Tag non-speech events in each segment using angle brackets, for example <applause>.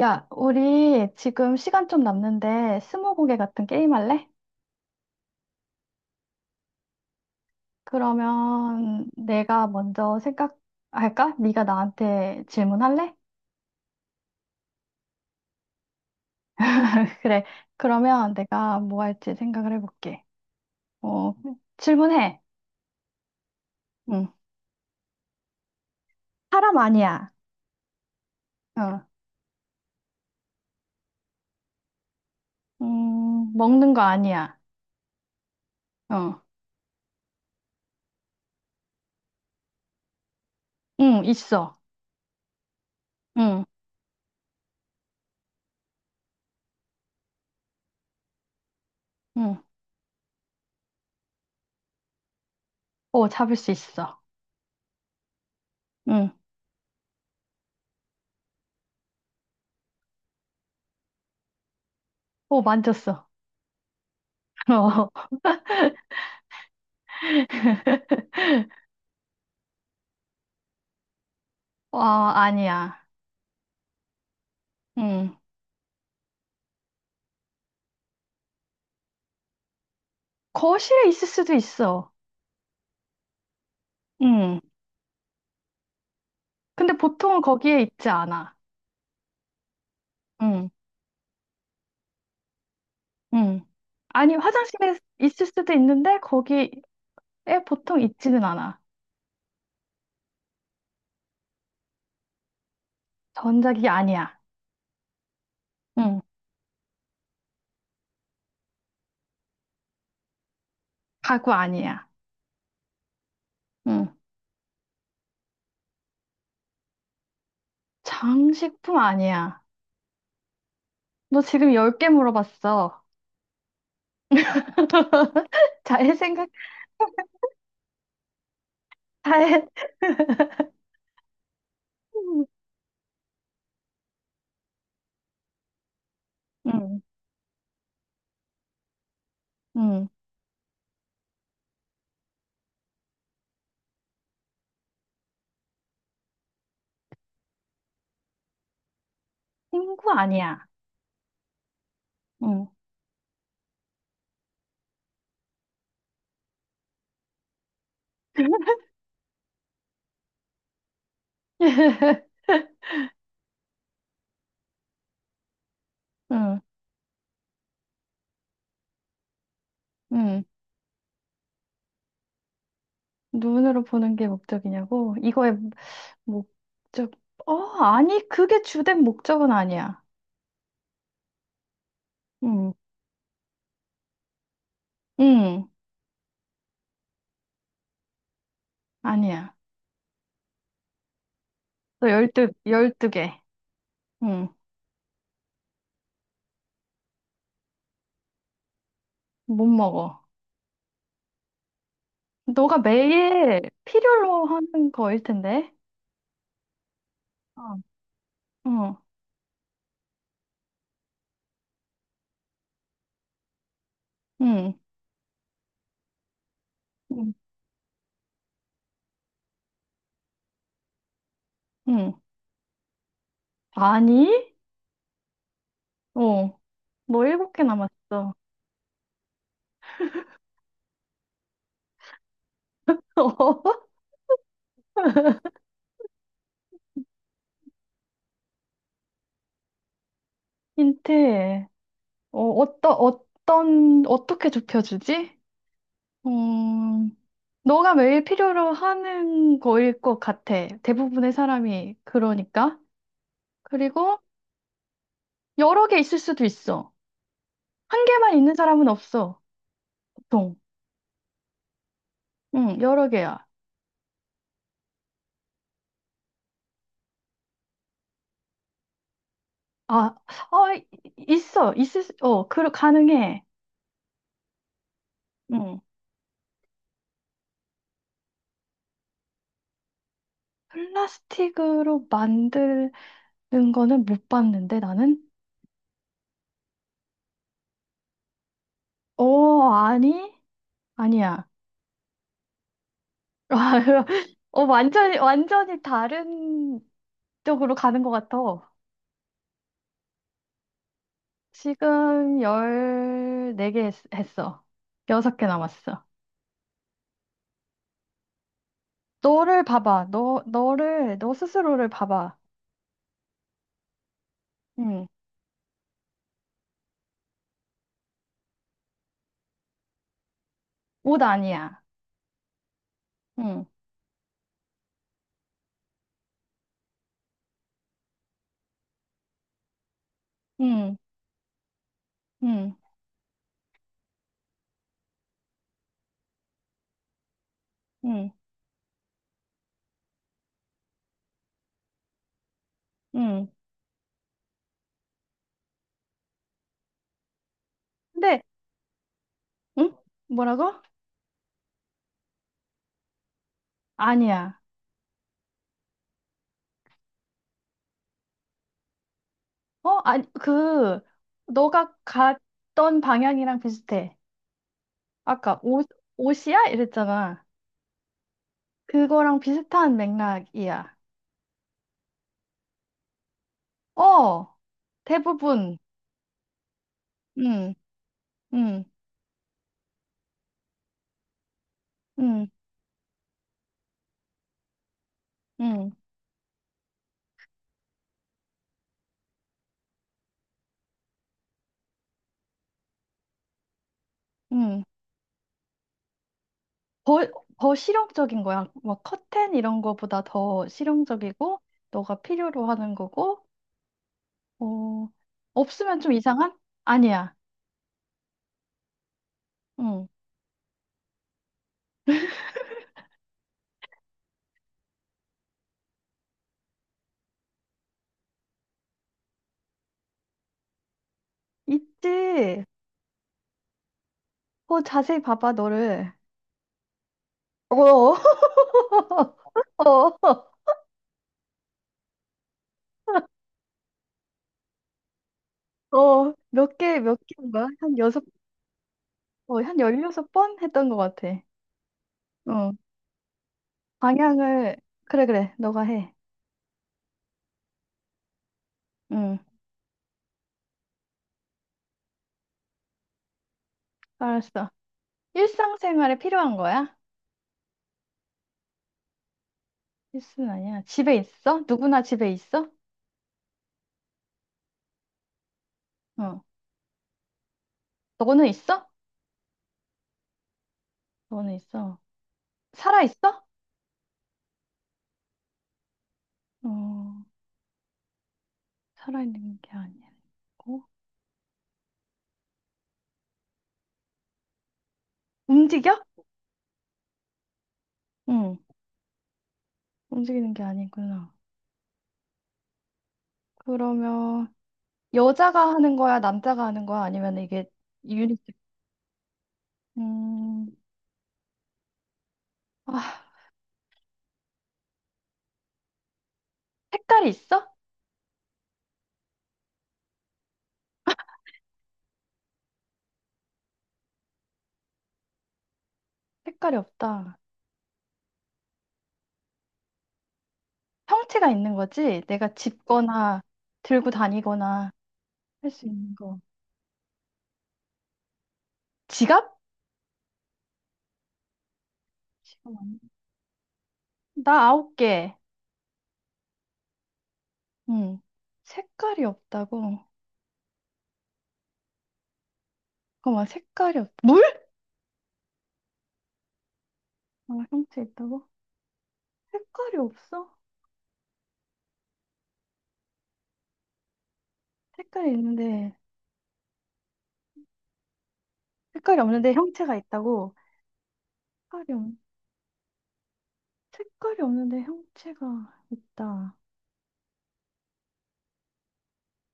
야, 우리 지금 시간 좀 남는데 스무고개 같은 게임 할래? 그러면 내가 먼저 생각할까? 네가 나한테 질문할래? <laughs> 그래. 그러면 내가 뭐 할지 생각을 해볼게. 어, 질문해. 응. 사람 아니야. 어. 먹는 거 아니야. 어. 응, 있어. 응, 응. 오, 잡을 수 있어. 응. 오, 만졌어. <laughs> 어, <laughs> 어, 아니야. 응 거실에 있을 수도 있어. 응. 근데 보통은 거기에 있지 않아. 응, 응. 아니, 화장실에 있을 수도 있는데 거기에 보통 있지는 않아. 전자기기 아니야. 응. 가구 아니야. 응. 장식품 아니야. 너 지금 10개 물어봤어. <laughs> 잘 생각, 잘. <laughs> 응, 응. 친구 아니야. 응, <laughs> 응, 응. 눈으로 보는 게 목적이냐고? 이거의 목적, 어, 아니, 그게 주된 목적은 아니야. 응, 응, 아니야. 너 열두 개. 응, 못 먹어. 너가 매일 필요로 하는 거일 텐데. 어. 응, 응, 응, 응. 아니? 어, 너 7개 남았어. <laughs> 힌트. 어떻게 좁혀주지? 음... 너가 매일 필요로 하는 거일 것 같아. 대부분의 사람이 그러니까. 그리고 여러 개 있을 수도 있어. 한 개만 있는 사람은 없어. 보통. 응, 여러 개야. 아, 어, 이- 있어. 있을 수, 어, 그, 가능해. 응. 플라스틱으로 만드는 거는 못 봤는데, 나는? 어, 아니? 아니야. <laughs> 어, 완전히, 완전히 다른 쪽으로 가는 것 같아. 지금 14개 했, 6개 남았어. 너를 봐봐. 너 스스로를 봐봐. 응. 옷 아니야. 응. 응. 응. 응. 응. 근데, 응? 뭐라고? 아니야. 어? 아니, 그, 너가 갔던 방향이랑 비슷해. 아까 옷이야? 이랬잖아. 그거랑 비슷한 맥락이야. 어! 대부분. 응. 응. 응. 응. 응. 더, 더 실용적인 거야. 막 커튼 이런 거보다 더 실용적이고, 너가 필요로 하는 거고, 어, 없으면 좀 이상한? 아니야. 응. 있지. 어, 자세히 봐봐, 너를. 어, <laughs> 어, 어, 몇 개인 가한 여섯, 한 16번 했던 것 같아. 어, 방향을, 그래, 그래, 너가 해. 응, 알았어. 일상생활에 필요한 거야? 필수는 아니야. 집에 있어? 누구나 집에 있어? 어. 너는 있어? 너는 있어. 살아 있어? 어, 살아 있는 게 아니고 움직여? 응, 움직이는 게 아니구나. 그러면 여자가 하는 거야, 남자가 하는 거야, 아니면 이게 유니セ? 음, 아, 색깔이 있어? 색깔이 없다. 형체가 있는 거지? 내가 집거나 들고 다니거나 할 수 있는 거. 지갑? 지갑 아니- 나 9개. 응. 색깔이 없다고. 잠깐만, 색깔이 없. 물? 아, 형체 있다고? 색깔이 없어? 색깔이 있는데, 색깔이 없는데 형체가 있다고? 색깔이 없, 색깔이 없는데 형체가 있다.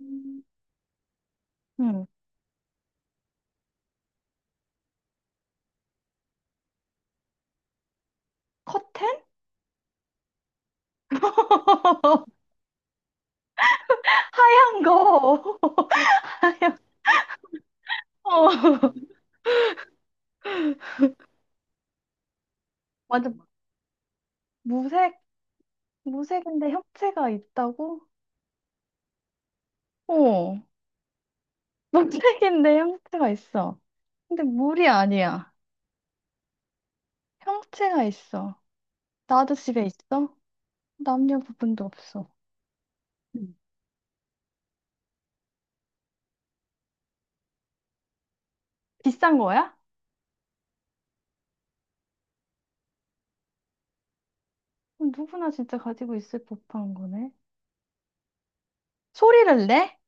음, 음. 커튼? <laughs> 하얀 거. <laughs> 하얀 거. 어. 완전 무색, 무색인데 형체가 있다고? 어, 무색인데 형체가 있어. 근데 물이 아니야. 형체가 있어. 나도 집에 있어? 남녀 구분도 없어. 음. 비싼 거야? 어, 누구나 진짜 가지고 있을 법한 거네. 소리를 내?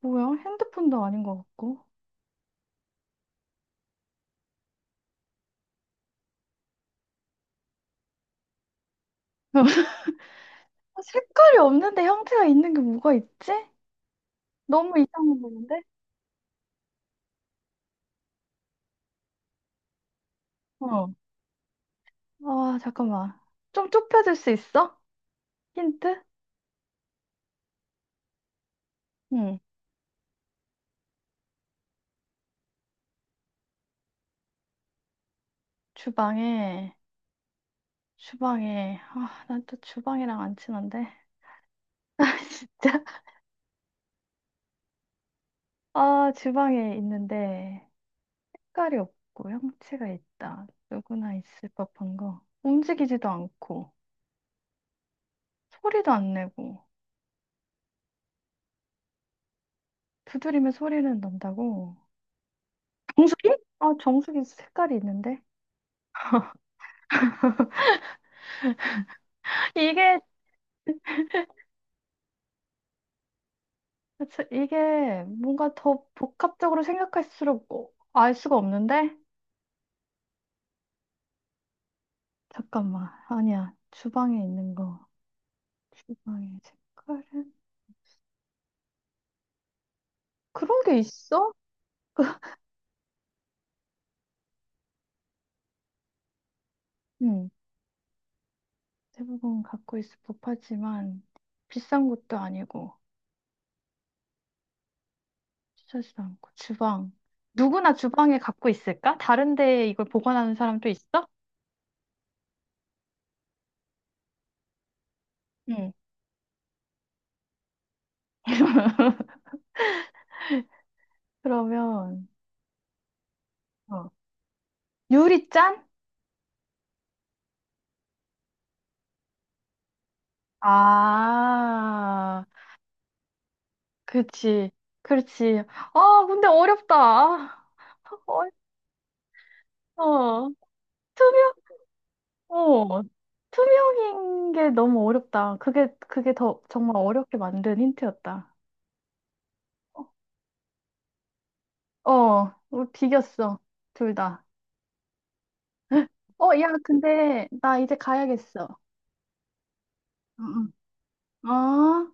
뭐야? 핸드폰도 아닌 것 같고. <laughs> 색깔이 없는데 형태가 있는 게 뭐가 있지? 너무 이상한 건데? 어. 아, 잠깐만. 좀 좁혀질 수 있어? 힌트? 응. 주방에, 주방에. 아, 난 또 주방이랑 안 친한데. <laughs> 진짜? 아, 주방에 있는데 색깔이 없고 형체가 있다. 누구나 있을 법한 거. 움직이지도 않고, 소리도 안 내고. 두드리면 소리는 난다고? 정수리? 아, 정수기 색깔이 있는데? 이게, 그치, 이게 뭔가 더 복합적으로 생각할수록 알 수가 없는데? 잠깐만. 아니야. 주방에 있는 거. 주방의 색깔은? 그런 게 있어? 응. 대부분 갖고 있을 법하지만 비싼 것도 아니고 비싸지도 않고 주방. 누구나 주방에 갖고 있을까? 다른 데에 이걸 보관하는 사람도 있어? 응. 그러면 어. 유리잔? 아, 그치, 그렇지. 아, 근데 어렵다. 아, 어렵다. 투명, 어, 투명인 게 너무 어렵다. 그게 더 정말 어렵게 만든 힌트였다. 어, 우리 비겼어. 둘 다. 어, 야, 근데 나 이제 가야겠어. 응, 응. 어?